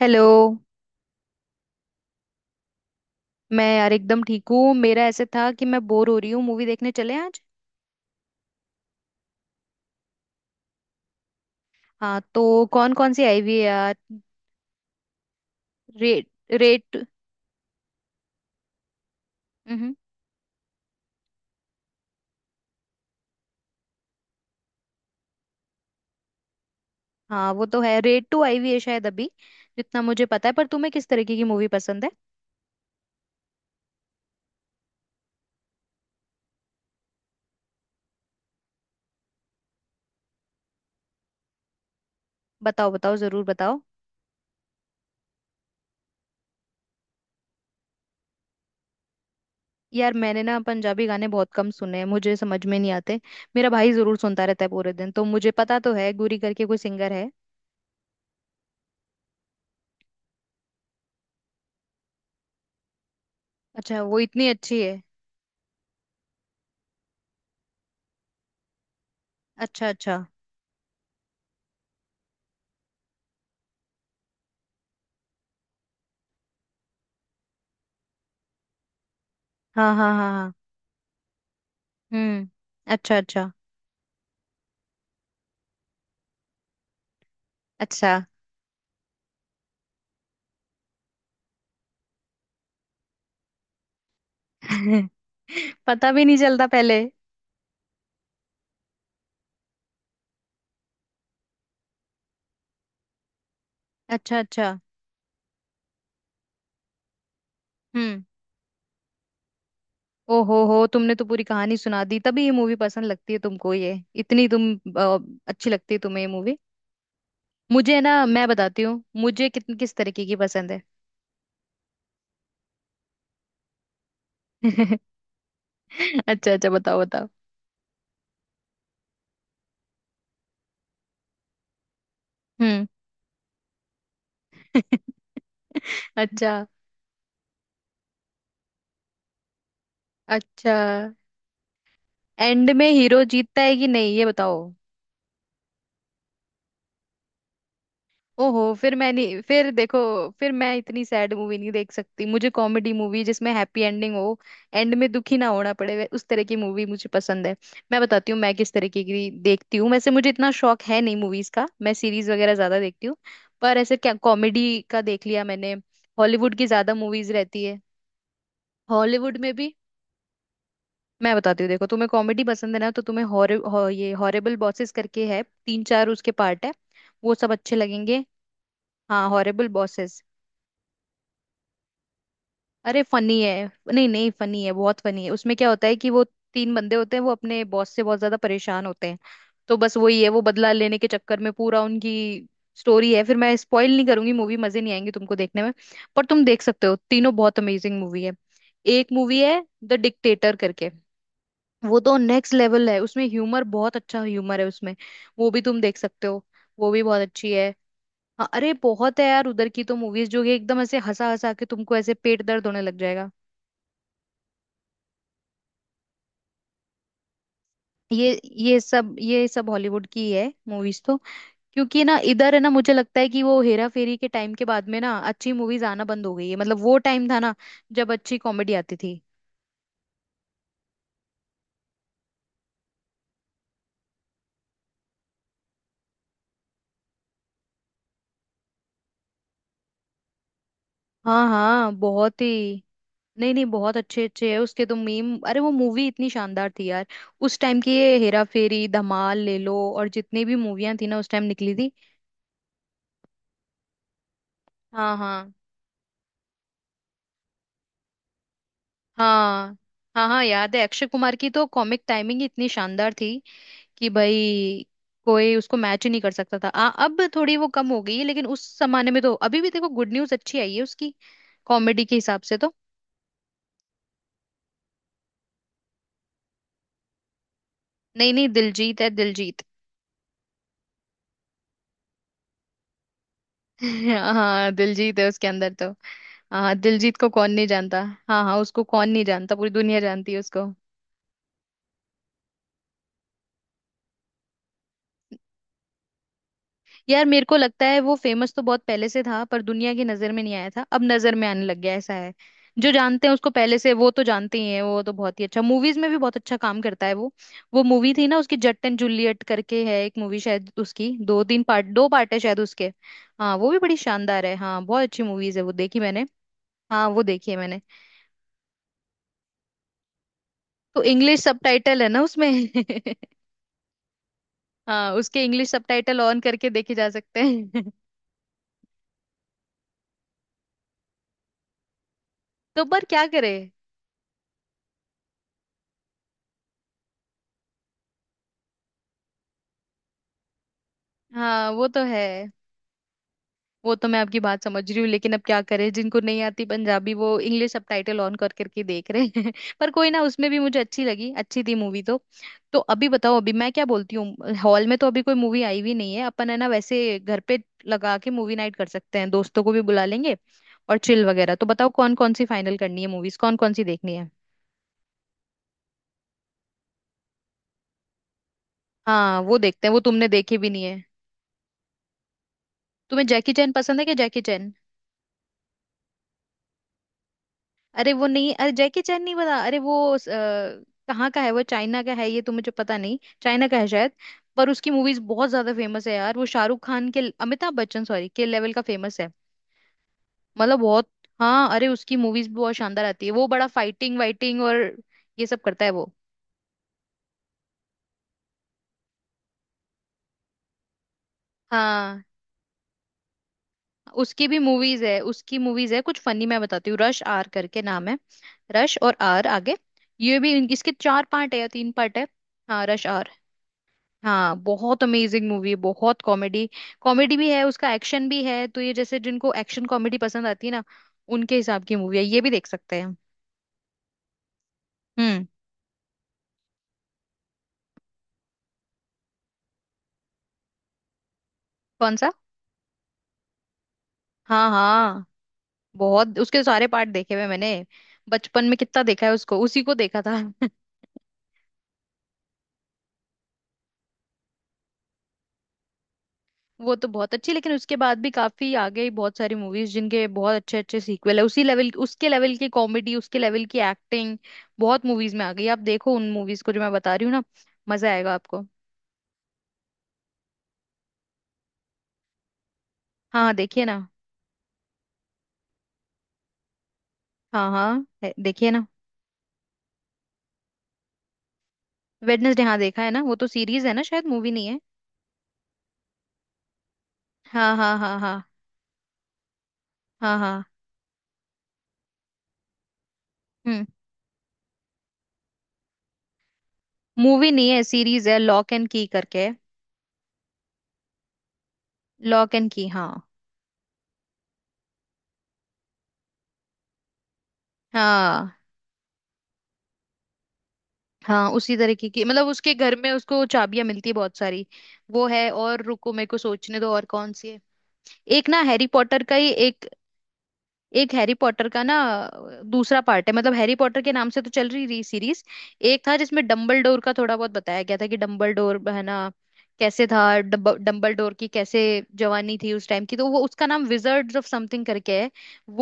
Hello. मैं यार एकदम ठीक हूँ। मेरा ऐसे था कि मैं बोर हो रही हूँ, मूवी देखने चले आज। हाँ तो कौन कौन सी आई हुई है यार? रेट। रेट। हम्म। हाँ वो तो है, रेट टू आई हुई है शायद अभी जितना मुझे पता है। पर तुम्हें किस तरीके की मूवी पसंद है? बताओ बताओ जरूर बताओ। यार मैंने ना पंजाबी गाने बहुत कम सुने हैं, मुझे समझ में नहीं आते। मेरा भाई जरूर सुनता रहता है पूरे दिन, तो मुझे पता तो है गुरी करके कोई सिंगर है। अच्छा, वो इतनी अच्छी है? अच्छा अच्छा। हाँ हाँ हाँ हाँ। हम्म। अच्छा अच्छा। अच्छा। पता भी नहीं चलता पहले। अच्छा अच्छा। हम्म। ओ हो, तुमने तो पूरी कहानी सुना दी। तभी ये मूवी पसंद लगती है तुमको ये। इतनी तुम अच्छी लगती है तुम्हें ये मूवी? मुझे ना, मैं बताती हूँ मुझे कितन किस तरीके की पसंद है। अच्छा अच्छा बताओ बताओ। हम्म। अच्छा अच्छा। एंड में हीरो जीतता है कि नहीं, ये बताओ। ओहो, फिर मैं नहीं, फिर देखो। फिर मैं इतनी सैड मूवी नहीं देख सकती। मुझे कॉमेडी मूवी जिसमें हैप्पी एंडिंग हो, एंड में दुखी ना होना पड़े, उस तरह की मूवी मुझे पसंद है। मैं बताती हूँ मैं किस तरीके की देखती हूँ। वैसे मुझे इतना शौक है नहीं मूवीज का, मैं सीरीज वगैरह ज्यादा देखती हूँ। पर ऐसे क्या कॉमेडी का देख लिया मैंने। हॉलीवुड की ज्यादा मूवीज रहती है। हॉलीवुड में भी मैं बताती हूँ, देखो तुम्हें कॉमेडी पसंद है ना, तो तुम्हें ये हॉरेबल बॉसेस करके है, तीन चार उसके पार्ट है। वो सब अच्छे लगेंगे। हाँ हॉरेबल बॉसेस। अरे फनी है। नहीं नहीं, फनी है, बहुत फनी है। उसमें क्या होता है कि वो तीन बंदे होते हैं, वो अपने बॉस से बहुत ज्यादा परेशान होते हैं, तो बस वही है, वो बदला लेने के चक्कर में पूरा उनकी स्टोरी है। फिर मैं स्पॉइल नहीं करूंगी, मूवी मजे नहीं आएंगे तुमको देखने में। पर तुम देख सकते हो, तीनों बहुत अमेजिंग मूवी है। एक मूवी है द डिक्टेटर करके, वो तो नेक्स्ट लेवल है। उसमें ह्यूमर, बहुत अच्छा ह्यूमर है उसमें। वो भी तुम देख सकते हो, वो भी बहुत अच्छी है। हाँ, अरे बहुत है यार उधर की तो मूवीज, जो कि एकदम ऐसे हंसा हंसा के तुमको ऐसे पेट दर्द होने लग जाएगा। ये सब, ये सब हॉलीवुड की ही है मूवीज तो। क्योंकि ना इधर है ना, मुझे लगता है कि वो हेरा फेरी के टाइम के बाद में ना अच्छी मूवीज आना बंद हो गई है। मतलब वो टाइम था ना जब अच्छी कॉमेडी आती थी। हाँ हाँ बहुत ही। नहीं नहीं, बहुत अच्छे अच्छे है उसके तो मीम। अरे वो मूवी इतनी शानदार थी यार, उस टाइम की। ये हेरा फेरी, धमाल ले लो, और जितनी भी मूवियां थी ना उस टाइम निकली थी। हाँ हाँ हाँ हाँ। हाँ याद है, अक्षय कुमार की तो कॉमिक टाइमिंग इतनी शानदार थी कि भाई कोई उसको मैच ही नहीं कर सकता था। अब थोड़ी वो कम हो गई है लेकिन उस जमाने में तो। अभी भी देखो गुड न्यूज अच्छी आई है उसकी, कॉमेडी के हिसाब से तो। नहीं नहीं दिलजीत है, दिलजीत। हाँ दिलजीत है उसके अंदर तो। हाँ दिलजीत को कौन नहीं जानता। हाँ हाँ उसको कौन नहीं जानता, पूरी दुनिया जानती है उसको। यार मेरे को लगता है वो फेमस तो बहुत पहले से था, पर दुनिया की नजर में नहीं आया था, अब नजर में आने लग गया, ऐसा है। जो जानते हैं उसको पहले से वो तो जानते ही हैं, वो तो बहुत ही अच्छा, मूवीज में भी बहुत अच्छा काम करता है वो। वो मूवी थी ना उसकी, जट एंड जूलियट करके है एक मूवी, शायद उसकी दो तीन पार्ट, दो पार्ट है शायद उसके। हाँ वो भी बड़ी शानदार है। हाँ बहुत अच्छी मूवीज है, वो देखी मैंने। हाँ वो देखी है मैंने। तो इंग्लिश सबटाइटल है ना उसमें। हाँ उसके इंग्लिश सबटाइटल ऑन करके देखे जा सकते हैं। तो पर क्या करे। हाँ वो तो है। वो तो मैं आपकी बात समझ रही हूँ, लेकिन अब क्या करें, जिनको नहीं आती पंजाबी वो इंग्लिश सबटाइटल ऑन कर करके देख रहे हैं। पर कोई ना, उसमें भी मुझे अच्छी लगी, अच्छी थी मूवी तो। तो अभी बताओ, अभी मैं क्या बोलती हूँ, हॉल में तो अभी कोई मूवी आई भी नहीं है। अपन है ना, वैसे घर पे लगा के मूवी नाइट कर सकते हैं, दोस्तों को भी बुला लेंगे और चिल वगैरह। तो बताओ कौन कौन सी फाइनल करनी है, मूवीज कौन कौन सी देखनी है। हाँ वो देखते हैं, वो तुमने देखी भी नहीं है। तुम्हें जैकी चैन पसंद है क्या, जैकी? अरे वो नहीं, अरे जैकी चैन नहीं पता? अरे वो कहाँ का है वो, चाइना का है ये तो, मुझे पता नहीं, चाइना का है शायद। पर उसकी मूवीज बहुत ज्यादा फेमस है यार, वो शाहरुख खान के, अमिताभ बच्चन सॉरी के लेवल का फेमस है। मतलब बहुत। हाँ अरे उसकी मूवीज भी बहुत शानदार आती है। वो बड़ा फाइटिंग वाइटिंग और ये सब करता है वो। हाँ उसकी भी मूवीज है, उसकी मूवीज है कुछ फनी। मैं बताती हूँ, रश आर करके नाम है, रश, और आर आगे। ये भी इसके चार पार्ट है या तीन पार्ट है। हाँ रश आर। हाँ बहुत अमेजिंग मूवी है, बहुत कॉमेडी। कॉमेडी भी है उसका, एक्शन भी है, तो ये जैसे जिनको एक्शन कॉमेडी पसंद आती है ना, उनके हिसाब की मूवी है, ये भी देख सकते हैं हम। हम्म कौन सा। हाँ हाँ बहुत उसके सारे पार्ट देखे हुए मैंने। बचपन में कितना देखा है उसको, उसी को देखा था। वो तो बहुत अच्छी, लेकिन उसके बाद भी काफी आ गई बहुत सारी मूवीज जिनके बहुत अच्छे अच्छे सीक्वल है, उसी लेवल, उसके लेवल की कॉमेडी, उसके लेवल की एक्टिंग बहुत मूवीज में आ गई। आप देखो उन मूवीज को जो मैं बता रही हूँ ना, मजा आएगा आपको। हाँ हाँ, देखिए ना। हाँ हाँ देखिए ना। वेडनेसडे हाँ देखा है ना, वो तो सीरीज है ना शायद, मूवी नहीं है। हाँ हाँ हाँ हाँ। हाँ हाँ। हम्म। मूवी नहीं है, सीरीज है, लॉक एंड की करके। लॉक एंड की हाँ। हाँ हाँ उसी तरीके की, मतलब उसके घर में उसको चाबियां मिलती है बहुत सारी, वो है। और रुको मेरे को सोचने दो और कौन सी है। एक ना हैरी पॉटर का ही, एक, एक हैरी पॉटर का ना, दूसरा पार्ट है। मतलब हैरी पॉटर के नाम से तो चल रही रही सीरीज। एक था जिसमें डम्बल डोर का थोड़ा बहुत बताया गया था, कि डम्बल डोर है ना कैसे था, डम्बल डोर की कैसे जवानी थी उस टाइम की, तो वो उसका नाम विजर्ड्स ऑफ समथिंग करके है।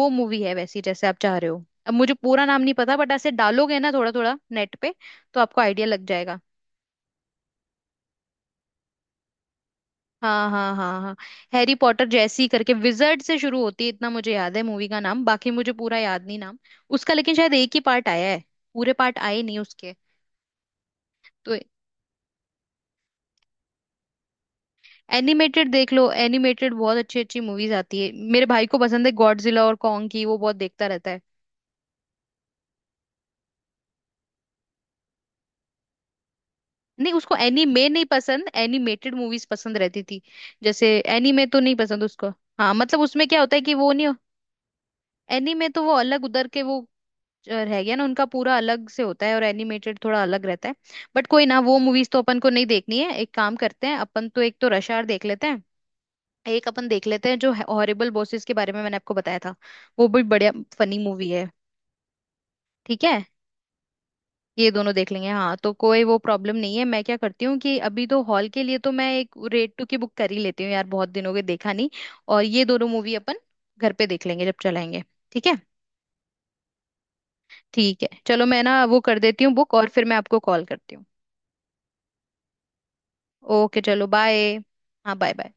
वो मूवी है वैसी जैसे आप चाह रहे हो, अब मुझे पूरा नाम नहीं पता, बट ऐसे डालोगे ना थोड़ा थोड़ा नेट पे तो आपको आइडिया लग जाएगा। हाँ हाँ हाँ हाँ। हैरी पॉटर जैसी करके, विजर्ड से शुरू होती है, इतना मुझे याद है मूवी का नाम, बाकी मुझे पूरा याद नहीं नाम उसका, लेकिन शायद एक ही पार्ट आया है, पूरे पार्ट आए नहीं उसके। तो एनिमेटेड देख लो, एनिमेटेड बहुत अच्छी अच्छी मूवीज आती है, मेरे भाई को पसंद है गॉडजिला और कॉन्ग की, वो बहुत देखता रहता है। नहीं उसको एनीमे नहीं पसंद, एनिमेटेड मूवीज पसंद रहती थी जैसे। एनीमे तो नहीं पसंद उसको। हाँ मतलब उसमें क्या होता है कि वो नहीं, एनीमे तो वो अलग, उधर के वो रह गया ना उनका पूरा अलग से होता है, और एनिमेटेड थोड़ा अलग रहता है। बट कोई ना, वो मूवीज तो अपन को नहीं देखनी है। एक काम करते हैं, अपन तो एक तो रश आवर देख लेते हैं, एक अपन देख लेते हैं जो हॉरिबल बॉसेस के बारे में मैंने आपको बताया था, वो भी बढ़िया फनी मूवी है। ठीक है ये दोनों देख लेंगे। हाँ तो कोई वो प्रॉब्लम नहीं है। मैं क्या करती हूँ कि अभी तो हॉल के लिए तो मैं एक रेड टू की बुक कर ही लेती हूँ यार, बहुत दिन हो गए देखा नहीं। और ये दोनों मूवी अपन घर पे देख लेंगे जब चलाएंगे। ठीक है। ठीक है चलो, मैं ना वो कर देती हूँ बुक, और फिर मैं आपको कॉल करती हूँ। ओके चलो बाय। हाँ बाय बाय।